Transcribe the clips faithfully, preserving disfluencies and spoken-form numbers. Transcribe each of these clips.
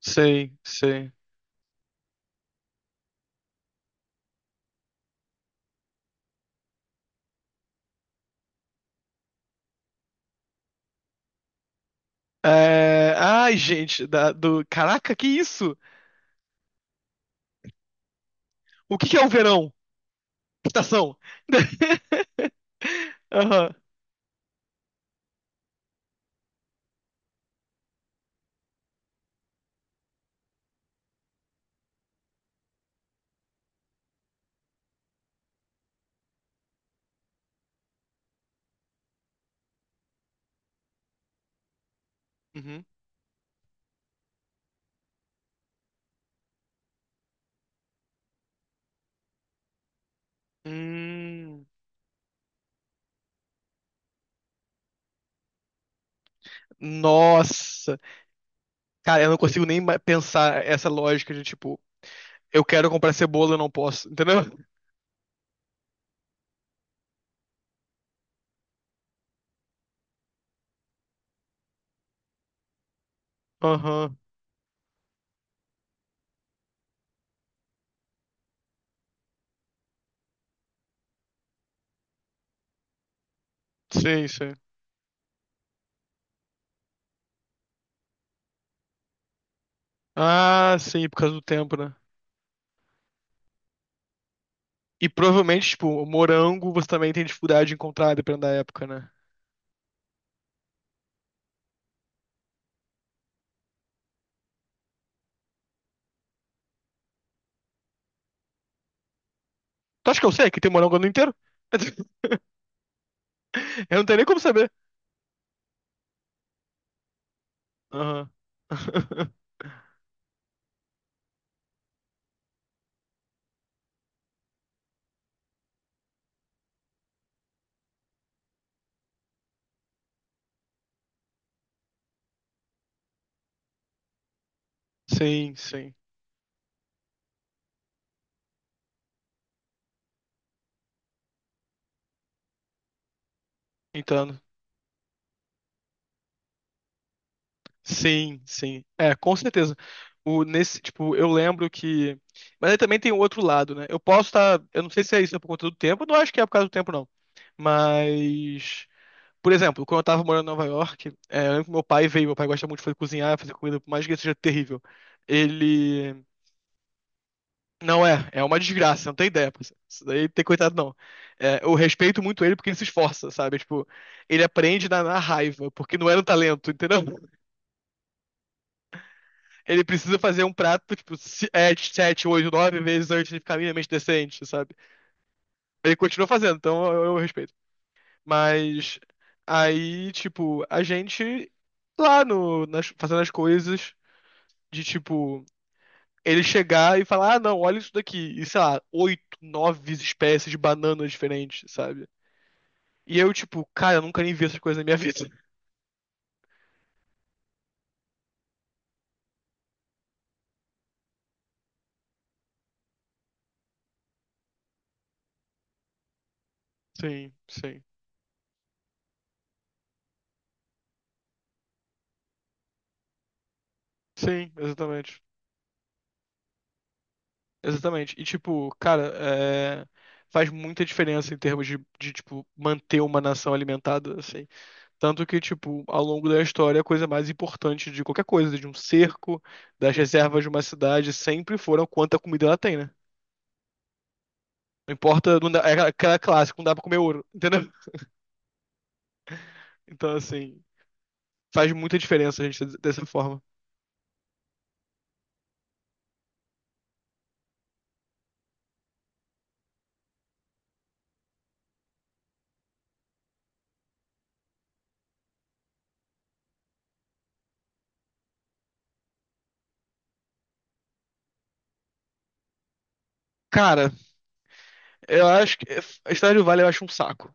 Sei, sei. É... Ai, gente, da- do... Caraca, que isso? O que que é o verão? Estação. Aham. Uhum. Hum. Nossa. Cara, eu não consigo nem ma- pensar essa lógica de tipo, eu quero comprar cebola, eu não posso, entendeu? Aham. Sim, sim. Ah, sim, por causa do tempo, né? E provavelmente, tipo, o morango você também tem dificuldade de encontrar, dependendo da época, né? Tu acha que eu sei que tem morango no ano inteiro? Eu não tenho nem como saber. Aham. Sim, sim. Entendo. Sim, sim. É, com certeza. O, nesse, tipo, eu lembro que. Mas aí também tem o outro lado, né? Eu posso estar. Eu não sei se é isso por conta do tempo, eu não acho que é por causa do tempo, não. Mas. Por exemplo, quando eu tava morando em Nova York, é, eu lembro que meu pai veio, meu pai gosta muito de fazer cozinhar, fazer comida, por mais que seja terrível. Ele. Não é, é uma desgraça, não tem ideia. Pô. Isso daí tem coitado, não. É, eu respeito muito ele porque ele se esforça, sabe? Tipo, ele aprende na, na raiva, porque não era um talento, entendeu? Ele precisa fazer um prato, tipo, se- é, sete, oito, nove vezes antes de ficar minimamente decente, sabe? Ele continua fazendo, então eu, eu respeito. Mas aí, tipo, a gente lá no, nas- fazendo as coisas de tipo. Ele chegar e falar, ah, não, olha isso daqui. E sei lá, oito, nove espécies de bananas diferentes, sabe? E eu, tipo, cara, eu nunca nem vi essas coisas na minha vida. Sim, sim. Sim, exatamente. Exatamente. E, tipo, cara, é, faz muita diferença em termos de, de, tipo, manter uma nação alimentada, assim. Tanto que, tipo, ao longo da história, a coisa mais importante de qualquer coisa, de um cerco, das reservas de uma cidade, sempre foram quanta comida ela tem, né? Não importa, não dá, é aquela aquela clássica, não dá pra comer ouro, entendeu? Então, assim, faz muita diferença a gente ser dessa forma. Cara, eu acho que a história do Vale eu acho um saco.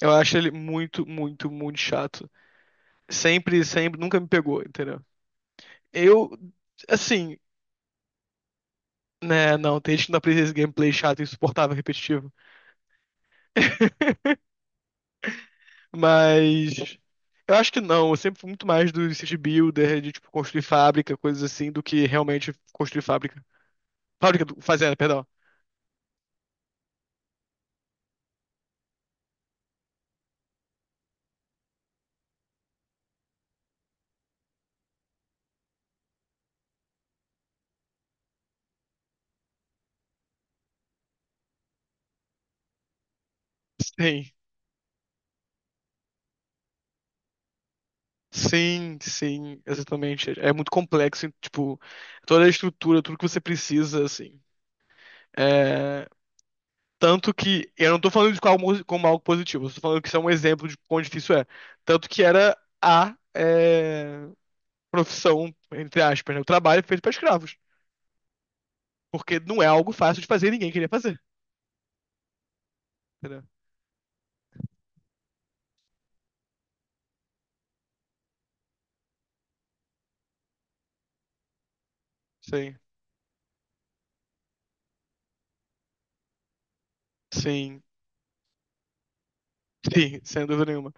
Eu acho ele muito, muito, muito chato. Sempre, sempre, nunca me pegou, entendeu? Eu, assim, né, não, tem gente que não aprecia esse gameplay chato, insuportável, repetitivo. Mas eu acho que não, eu sempre fui muito mais do city builder, de tipo construir fábrica, coisas assim, do que realmente construir fábrica. Fábrica, do- fazenda, perdão. Sim, sim, sim, exatamente. É é muito complexo, tipo, toda a estrutura, tudo que você precisa, assim. É, tanto que, eu não tô falando de como algo, como algo positivo, eu tô falando que isso é um exemplo de quão difícil é. Tanto que era a é, profissão, entre aspas, né? O trabalho feito para escravos. Porque não é algo fácil de fazer e ninguém queria fazer. Entendeu? Sim, sim, sim, sem dúvida nenhuma.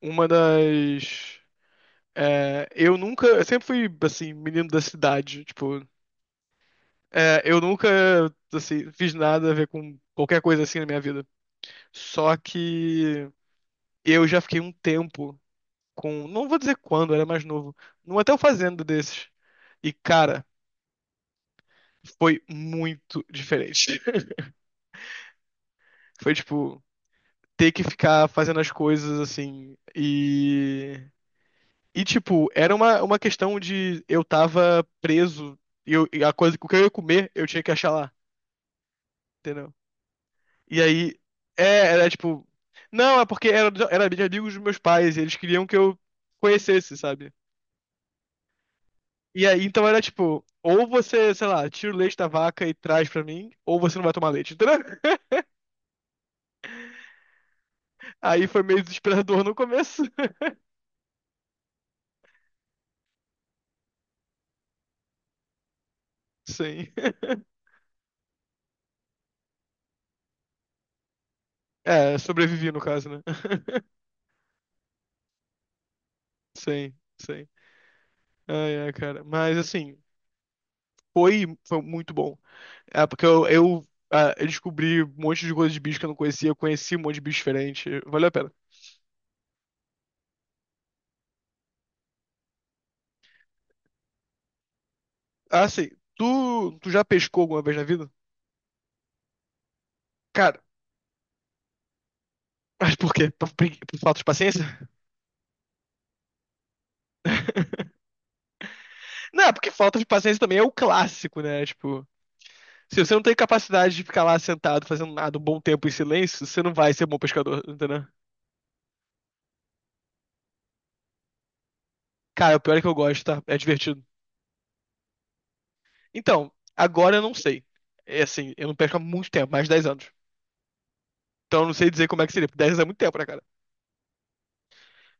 Uma das. É, eu nunca. Eu sempre fui, assim, menino da cidade. Tipo, é, eu nunca, assim, fiz nada a ver com qualquer coisa assim na minha vida. Só que eu já fiquei um tempo com, não vou dizer quando, eu era mais novo, num hotel fazenda desses. E, cara, foi muito diferente. Foi, tipo, ter que ficar fazendo as coisas assim e... E, tipo, era uma, uma questão de eu tava preso e, eu- e a coisa, o que eu ia comer, eu tinha que achar lá, entendeu? E aí, é, era tipo. Não, é porque era, era de amigos dos meus pais, e eles queriam que eu conhecesse, sabe? E aí, então era tipo, ou você, sei lá, tira o leite da vaca e traz pra mim, ou você não vai tomar leite, entendeu? Aí foi meio desesperador no começo. Sim. É, sobrevivi no caso, né? Sim, sim. Ai, ai, cara. Mas assim, foi, foi muito bom. É, porque eu, eu, ah, eu descobri um monte de coisa de bicho que eu não conhecia, eu conheci um monte de bicho diferente. Valeu a pena. Assim, tu, tu já pescou alguma vez na vida? Cara, mas por quê? Por, pregui- por falta de paciência? Não, porque falta de paciência também é o clássico, né? Tipo, se você não tem capacidade de ficar lá sentado fazendo nada um bom tempo em silêncio, você não vai ser bom pescador, entendeu? Cara, o pior é que eu gosto, tá? É divertido. Então, agora eu não sei. É assim, eu não pesco há muito tempo, mais de dez anos. Então eu não sei dizer como é que seria, porque dez anos é muito tempo, né, cara?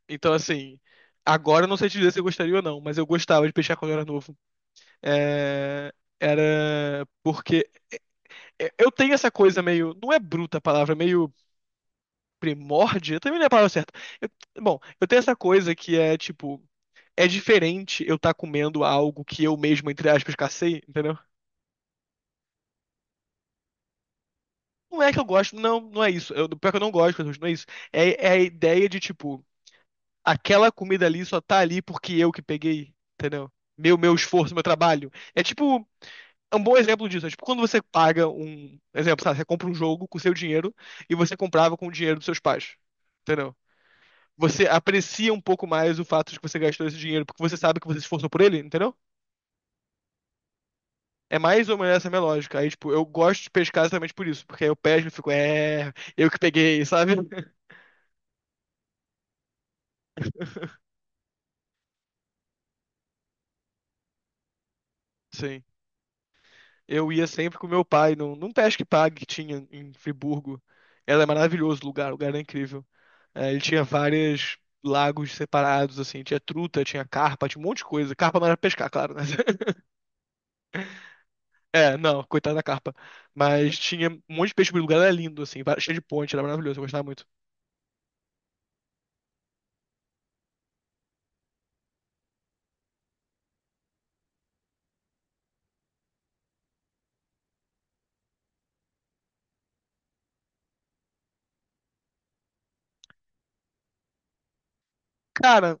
Então, assim, agora eu não sei te dizer se eu gostaria ou não, mas eu gostava de pescar quando eu era novo. É, era porque eu eu tenho essa coisa meio, não é bruta a palavra, é meio primórdia, também não é a palavra certa. Eu- bom, eu tenho essa coisa que é tipo, é diferente eu estar comendo algo que eu mesmo, entre aspas, cacei, entendeu? Não é que eu gosto, não, não é isso. Eu, pior que eu não gosto, não é isso. É, é a ideia de tipo, aquela comida ali só tá ali porque eu que peguei, entendeu? Meu, meu esforço, meu trabalho. É tipo, é um bom exemplo disso. É tipo quando você paga um, exemplo, sabe, você compra um jogo com seu dinheiro e você comprava com o dinheiro dos seus pais, entendeu? Você aprecia um pouco mais o fato de que você gastou esse dinheiro porque você sabe que você se esforçou por ele, entendeu? É mais ou menos essa a minha lógica. Aí, tipo, eu gosto de pescar exatamente por isso, porque aí eu pesco e fico, é, eu que peguei, sabe? Sim. Eu ia sempre com meu pai num, num Pesque Pague que tinha em Friburgo. Era maravilhoso o lugar, o lugar era incrível. É, ele tinha vários lagos separados, assim, tinha truta, tinha carpa, tinha um monte de coisa. Carpa não era pescar, claro, né? É, não, coitada da carpa. Mas tinha um monte de peixe, o lugar era lindo, assim, va- cheio de ponte, era maravilhoso, eu gostava muito. Cara,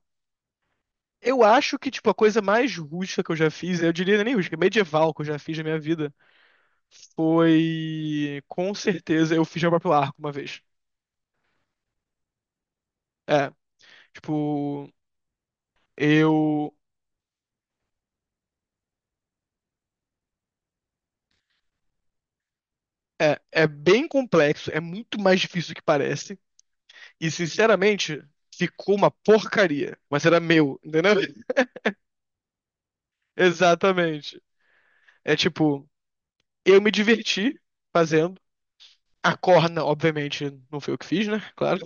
eu acho que, tipo, a coisa mais rústica que eu já fiz, eu diria nem rústica, medieval que eu já fiz na minha vida, foi, com certeza, eu fiz meu próprio arco uma vez. É, tipo, eu. É, é bem complexo, é muito mais difícil do que parece. E, sinceramente, ficou uma porcaria. Mas era meu, entendeu? Exatamente. É tipo, eu me diverti fazendo. A corna, obviamente, não foi eu que fiz, né? Claro.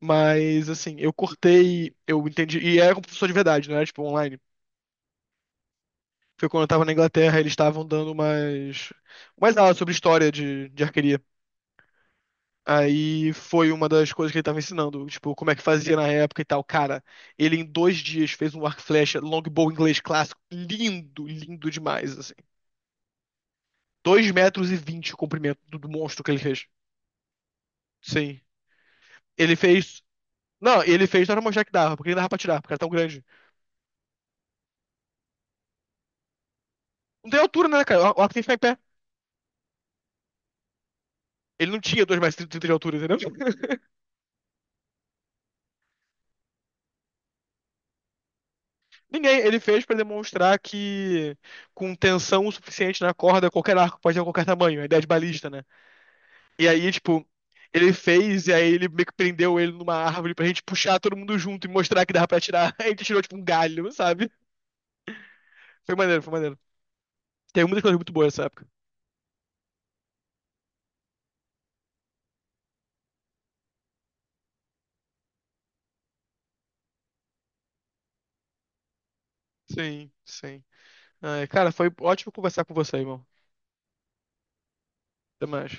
Mas, assim, eu cortei, eu entendi. E era com professor de verdade, não era tipo online. Foi quando eu tava na Inglaterra, eles estavam dando umas, umas aulas sobre história de, de arqueria. Aí foi uma das coisas que ele tava ensinando, tipo, como é que fazia na época e tal. Cara, ele em dois dias fez um arco e flecha longbow inglês clássico, lindo, lindo demais, assim. Dois metros e vinte o comprimento do, do monstro que ele fez. Sim. Ele fez. Não, ele fez só pra mostrar que dava, porque ele dava pra tirar, porque era tão grande. Não tem altura, né, cara? O arco tem que ficar em pé. Ele não tinha dois metros e trinta de altura, entendeu? Ninguém. Ele fez pra demonstrar que com tensão o suficiente na corda, qualquer arco pode ter qualquer tamanho. A ideia de balista, né? E aí, tipo, ele fez, e aí ele meio que prendeu ele numa árvore pra gente puxar todo mundo junto e mostrar que dava pra tirar. A gente tirou, tipo, um galho, sabe? Foi maneiro, foi maneiro. Tem muitas coisas muito boas nessa época. Sim, sim. Ai, cara, foi ótimo conversar com você, irmão. Até mais.